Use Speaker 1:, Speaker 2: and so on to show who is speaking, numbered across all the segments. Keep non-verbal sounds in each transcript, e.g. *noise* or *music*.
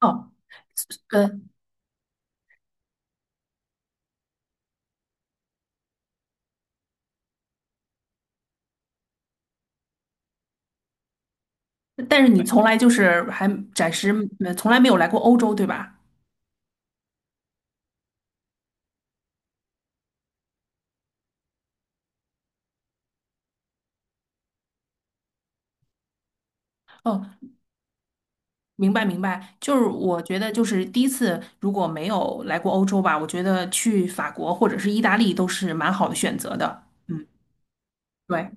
Speaker 1: 哦，呃，但是你从来就是还暂时从来没有来过欧洲，对吧？哦，明白明白，就是我觉得就是第一次如果没有来过欧洲吧，我觉得去法国或者是意大利都是蛮好的选择的。嗯，对，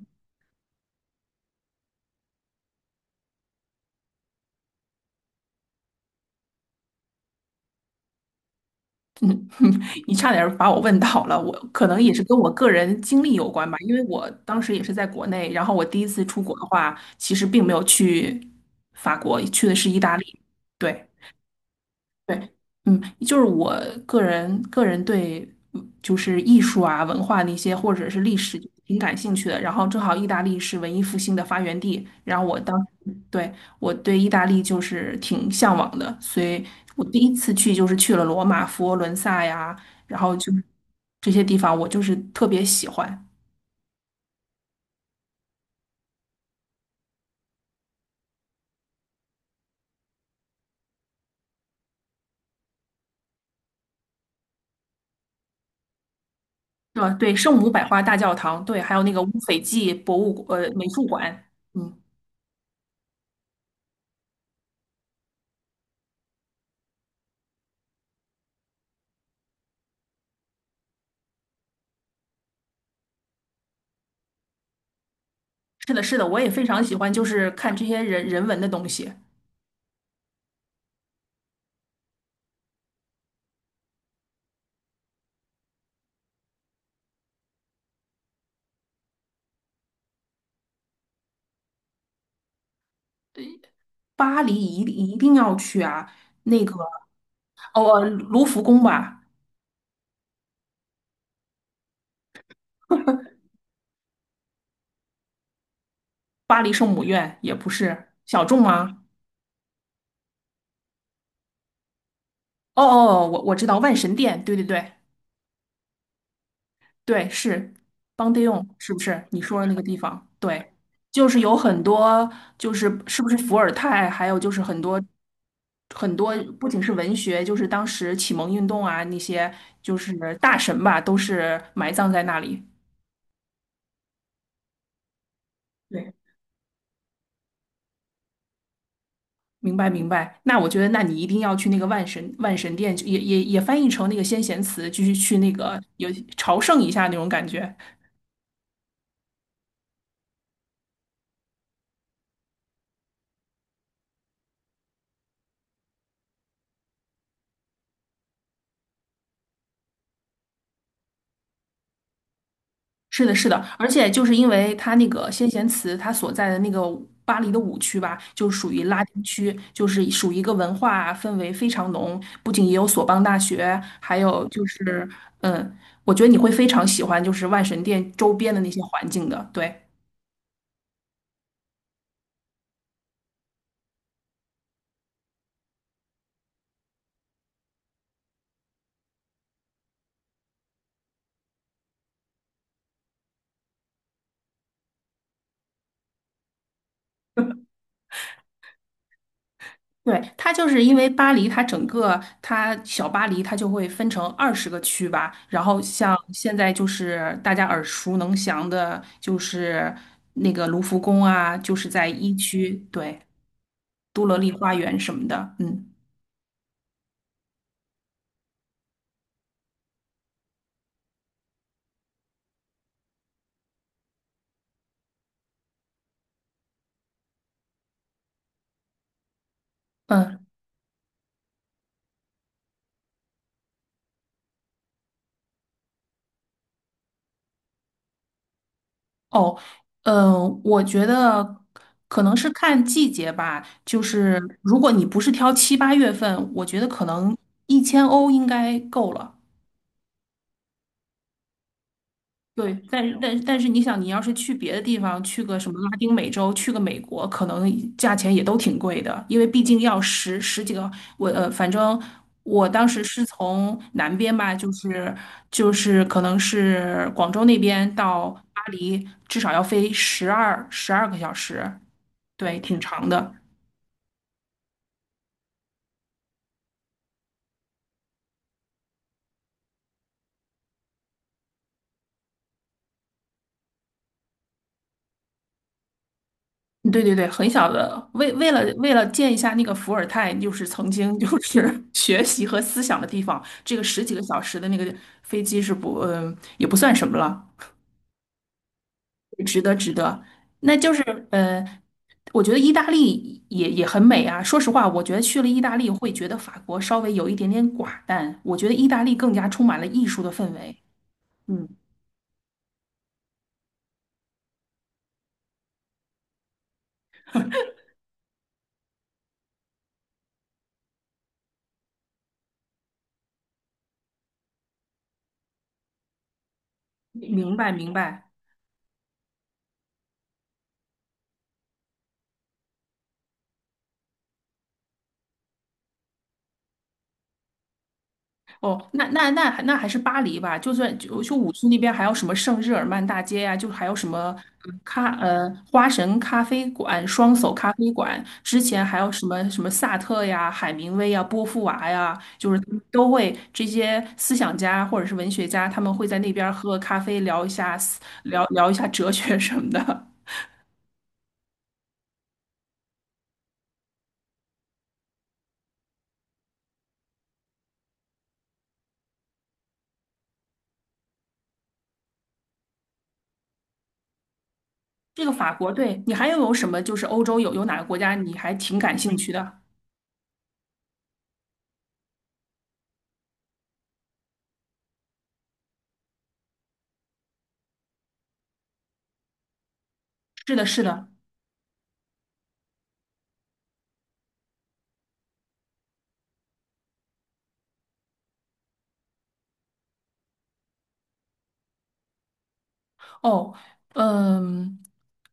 Speaker 1: *laughs* 你差点儿把我问倒了，我可能也是跟我个人经历有关吧，因为我当时也是在国内，然后我第一次出国的话，其实并没有去法国，去的是意大利。对。对，嗯，就是我个人对就是艺术啊、文化那些或者是历史挺感兴趣的。然后正好意大利是文艺复兴的发源地，然后我对意大利就是挺向往的，所以我第一次去就是去了罗马、佛罗伦萨呀，然后就这些地方我就是特别喜欢。对吧对，圣母百花大教堂，对，还有那个乌菲济美术馆，嗯，是的，是的，我也非常喜欢就是看这些人文的东西。对，巴黎一定要去啊！那个，哦，卢浮宫吧，巴黎圣母院也不是小众吗？哦哦，哦我知道万神殿，对对对对，是邦迪用，是不是你说的那个地方？对，就是有很多，就是是不是伏尔泰，还有就是很多很多，不仅是文学，就是当时启蒙运动啊那些，就是大神吧，都是埋葬在那里。对，明白明白，那我觉得，那你一定要去那个万神殿，就也翻译成那个先贤祠，继续去那个有朝圣一下那种感觉。是的，是的，而且就是因为它那个先贤祠，它所在的那个巴黎的五区吧，就属于拉丁区，就是属于一个文化氛围非常浓，不仅也有索邦大学，还有就是，嗯，我觉得你会非常喜欢就是万神殿周边的那些环境的，对。*laughs* 对，它就是因为巴黎，它整个它小巴黎，它就会分成20个区吧。然后像现在就是大家耳熟能详的，就是那个卢浮宫啊，就是在1区，对，都乐丽花园什么的。嗯嗯哦，我觉得可能是看季节吧。就是如果你不是挑7、8月份，我觉得可能1000欧应该够了。对，但是你想，你要是去别的地方，去个什么拉丁美洲，去个美国，可能价钱也都挺贵的，因为毕竟要十几个，反正我当时是从南边吧，就是就是可能是广州那边到巴黎，至少要飞十二个小时，对，挺长的。对对对，很小的，为了见一下那个伏尔泰，就是曾经就是 *laughs* 学习和思想的地方，这个十几个小时的那个飞机是不，嗯、也不算什么了，值得值得。那就是，呃，我觉得意大利也很美啊。说实话，我觉得去了意大利会觉得法国稍微有一点点寡淡，我觉得意大利更加充满了艺术的氛围。嗯，明白明白。哦，那还是巴黎吧，就算就五区那边还有什么圣日耳曼大街呀、就还有什么嗯咖呃花神咖啡馆、双叟咖啡馆，之前还有什么什么萨特呀、海明威呀、波伏娃呀，就是他们都会这些思想家或者是文学家，他们会在那边喝个咖啡，聊聊一下哲学什么的。*laughs* 这个法国，对，你还有什么就是欧洲有哪个国家你还挺感兴趣的？是的，是的。哦，嗯，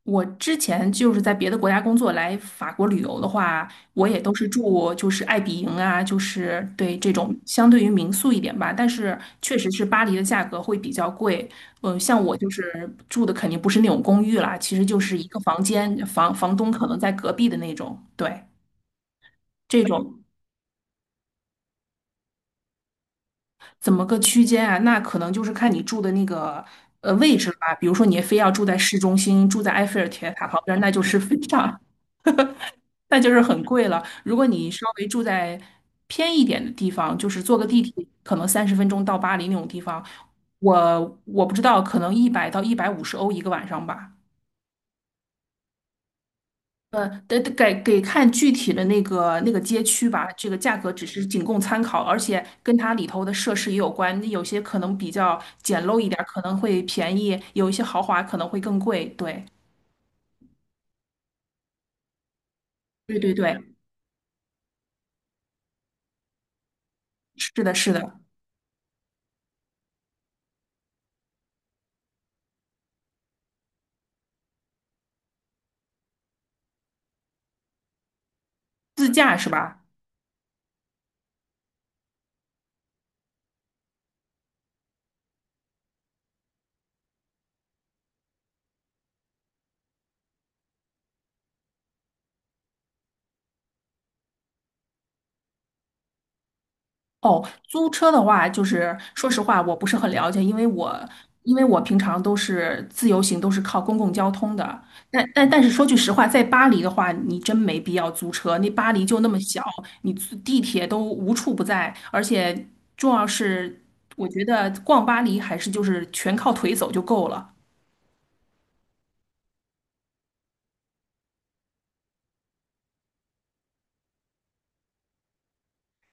Speaker 1: 我之前就是在别的国家工作，来法国旅游的话，我也都是住就是爱比营啊，就是对这种相对于民宿一点吧，但是确实是巴黎的价格会比较贵。嗯，像我就是住的肯定不是那种公寓啦，其实就是一个房间，房东可能在隔壁的那种。对，这种怎么个区间啊？那可能就是看你住的那个。呃，位置吧，比如说你非要住在市中心，住在埃菲尔铁塔旁边，那就是非常那就是很贵了。如果你稍微住在偏一点的地方，就是坐个地铁，可能30分钟到巴黎那种地方，我不知道，可能100到150欧一个晚上吧。呃，得看具体的那个街区吧，这个价格只是仅供参考，而且跟它里头的设施也有关，有些可能比较简陋一点儿，可能会便宜，有一些豪华可能会更贵。对，对对对，是的，是的，自驾是吧？哦，租车的话，就是说实话，我不是很了解，因为我平常都是自由行，都是靠公共交通的。但是说句实话，在巴黎的话，你真没必要租车。那巴黎就那么小，你租地铁都无处不在，而且重要是，我觉得逛巴黎还是就是全靠腿走就够了。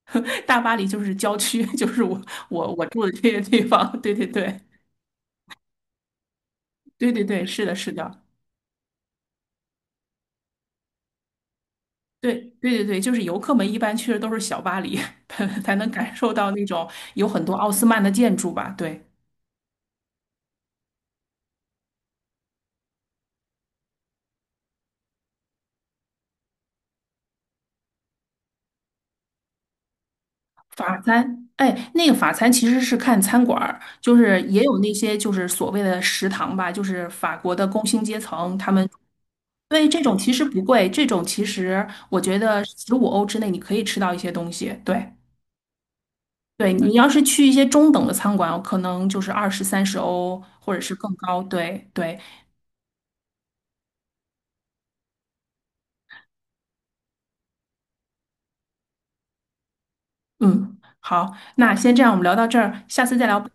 Speaker 1: *laughs* 大巴黎就是郊区，*laughs* 就是我住的这些地方。对对对对对对，是的，是的。对对对对，就是游客们一般去的都是小巴黎，*laughs* 才能感受到那种有很多奥斯曼的建筑吧？对，法餐，哎，那个法餐其实是看餐馆儿，就是也有那些就是所谓的食堂吧，就是法国的工薪阶层他们。对，这种其实不贵，这种其实我觉得15欧之内你可以吃到一些东西。对，对你要是去一些中等的餐馆，可能就是20、30欧或者是更高。对对，嗯，好，那先这样，我们聊到这儿，下次再聊。